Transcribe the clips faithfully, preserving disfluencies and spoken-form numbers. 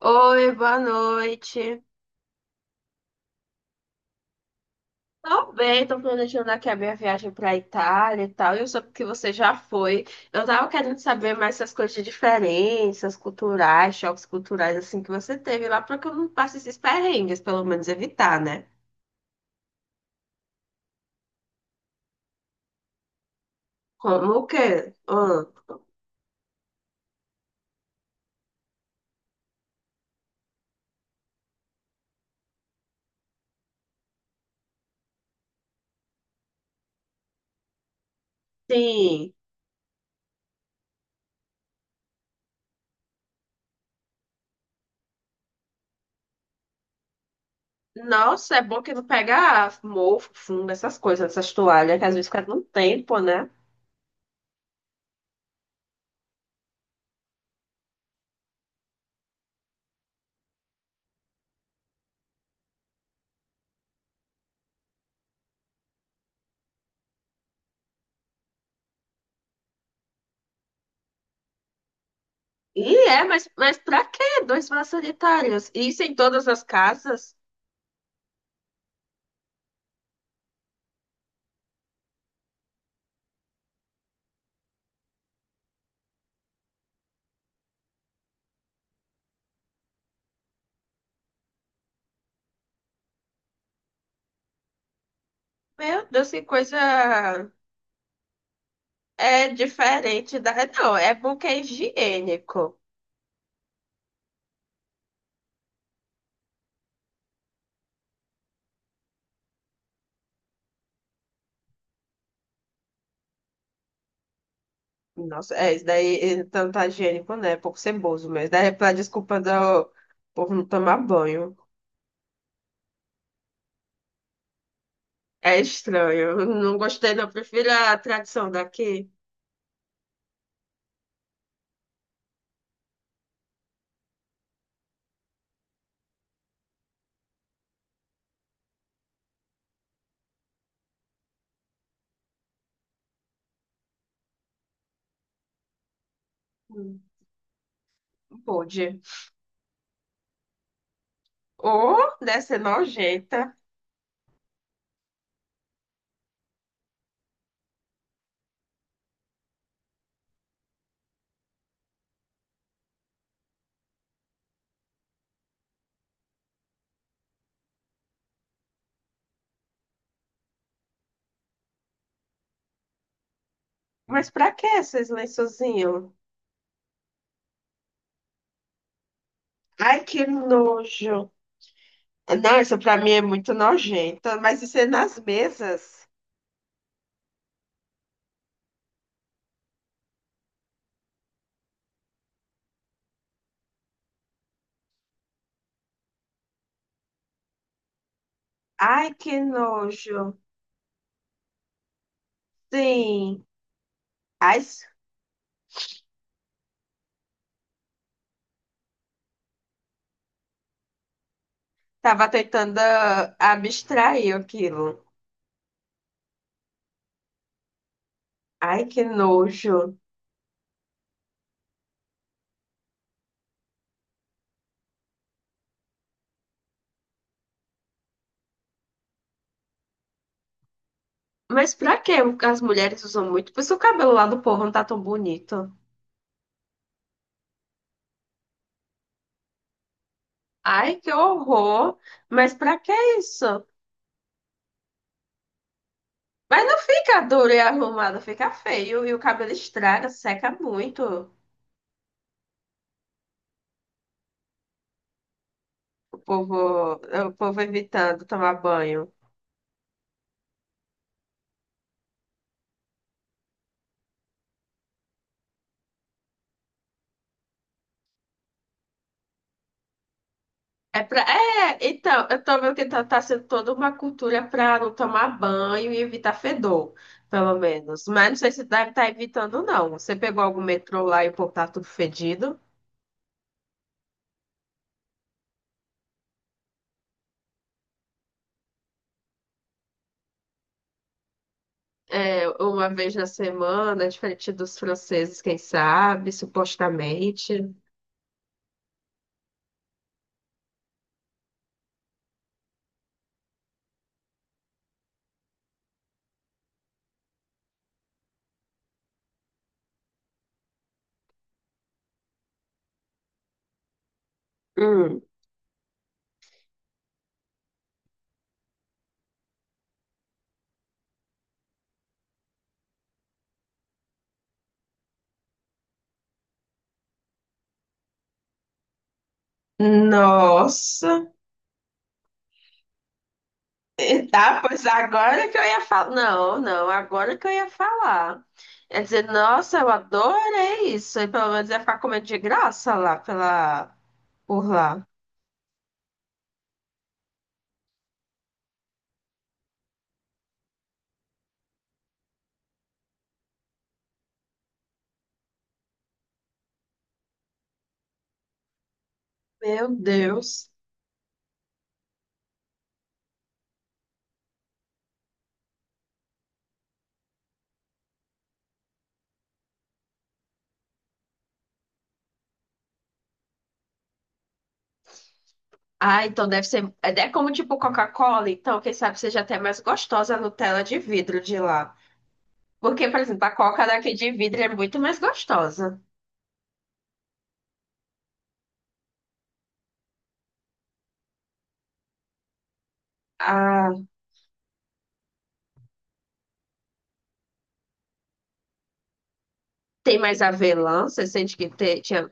Oi, boa noite. Tô bem, tô planejando aqui a minha viagem pra Itália e tal. E eu soube que você já foi. Eu tava querendo saber mais essas coisas de diferenças culturais, choques culturais, assim, que você teve lá, pra que eu não passe esses perrengues, pelo menos evitar, né? Como o quê? Ah, sim. Nossa, é bom que não pega mofo, fundo, essas coisas, essas toalhas, que às vezes fica um tempo, né? E é, mas, mas pra quê? Dois vasos sanitários. Isso em todas as casas? Meu Deus, que coisa é diferente da. Não, é bom que é higiênico. Nossa, é, isso daí eh, tanto tá higiênico, né? É pouco ceboso, mas daí é pra desculpa do povo não tomar banho. É estranho. Eu não gostei, não. Eu prefiro a tradição daqui. Hum. Pode. Ou deve ser nojenta. Mas pra que esses lençozinhos? Ai, que nojo. Não, isso pra mim é muito nojento. Mas isso é nas mesas. Ai, que nojo. Sim. Ai, s- tava tentando ah, abstrair aquilo. Ai, que nojo. Mas pra que as mulheres usam muito? Por isso o cabelo lá do povo não tá tão bonito. Ai, que horror. Mas pra que isso? Mas não fica duro e arrumado, fica feio. E o cabelo estraga, seca muito. O povo, o povo evitando tomar banho. É pra... É, então, eu tô vendo que tá, tá sendo toda uma cultura para não tomar banho e evitar fedor, pelo menos. Mas não sei se deve estar evitando, não. Você pegou algum metrô lá e o povo tá tudo fedido? É, uma vez na semana, diferente dos franceses, quem sabe, supostamente. Hum. Nossa! E tá, pois agora que eu ia falar. Não, não, agora que eu ia falar. É dizer, nossa, eu adorei isso. E pelo menos ia ficar comendo de graça lá pela, por lá. Meu Deus. Ah, então deve ser. É, é como tipo Coca-Cola, então, quem sabe seja até mais gostosa a Nutella de vidro de lá. Porque, por exemplo, a Coca daqui de vidro é muito mais gostosa. Ah, tem mais avelã, você sente que te- tinha.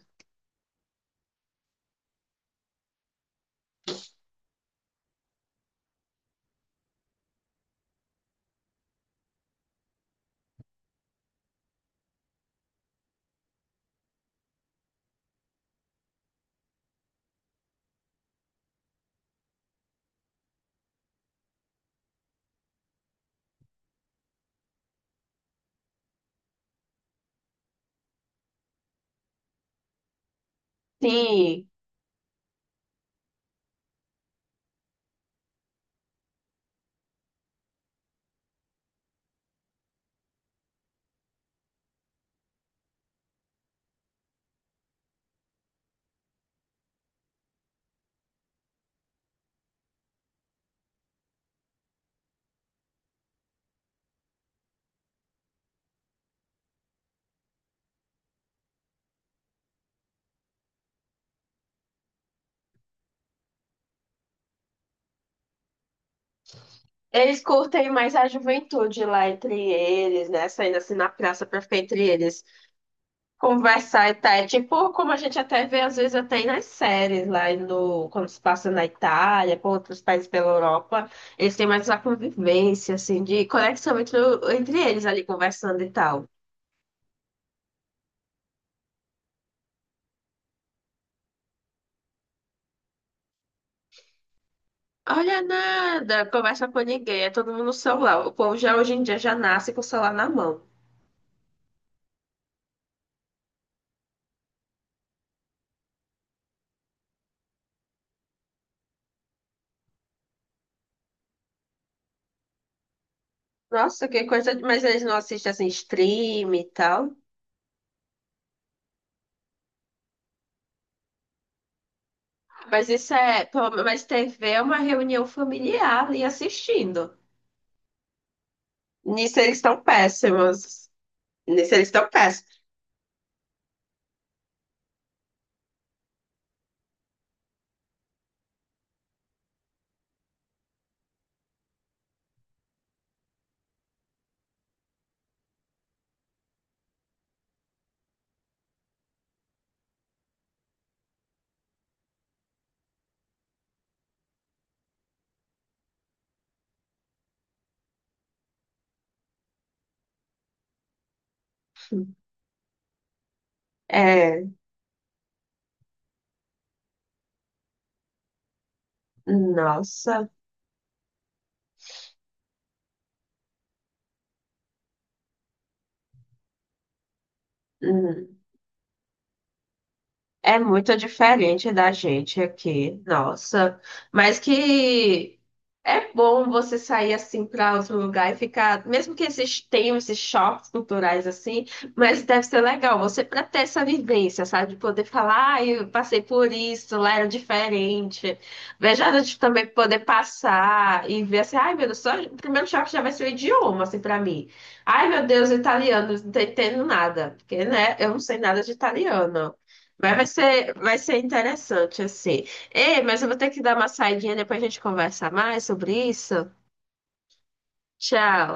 Sim. Eles curtem mais a juventude lá entre eles, né? Saindo assim na praça pra ficar entre eles. Conversar e tá, é tipo como a gente até vê às vezes até aí nas séries lá no, quando se passa na Itália, por outros países pela Europa, eles têm mais uma convivência, assim, de conexão entre, o- entre eles ali conversando e tal. Olha nada, conversa com ninguém, é todo mundo no celular. O povo já hoje em dia já nasce com o celular na mão. Nossa, que coisa, de- mas eles não assistem assim stream e tal. Mas isso é, pelo- menos- mas T V é uma reunião familiar e assistindo. Nisso eles estão péssimos. Nesse eles estão péssimos. É, nossa. Hum. É muito diferente da gente aqui, nossa. Mas que é bom você sair assim para outro lugar e ficar, mesmo que esses tenham esses choques culturais assim, mas deve ser legal você para ter essa vivência, sabe? De poder falar, ah, eu passei por isso, lá era diferente. Veja de também poder passar e ver assim, ai meu Deus, só o primeiro choque já vai ser o idioma, assim, para mim. Ai meu Deus, italiano, não tô entendendo nada, porque né, eu não sei nada de italiano. Mas vai ser, vai ser interessante, assim. Ei, mas eu vou ter que dar uma saidinha, depois a gente conversa mais sobre isso. Tchau.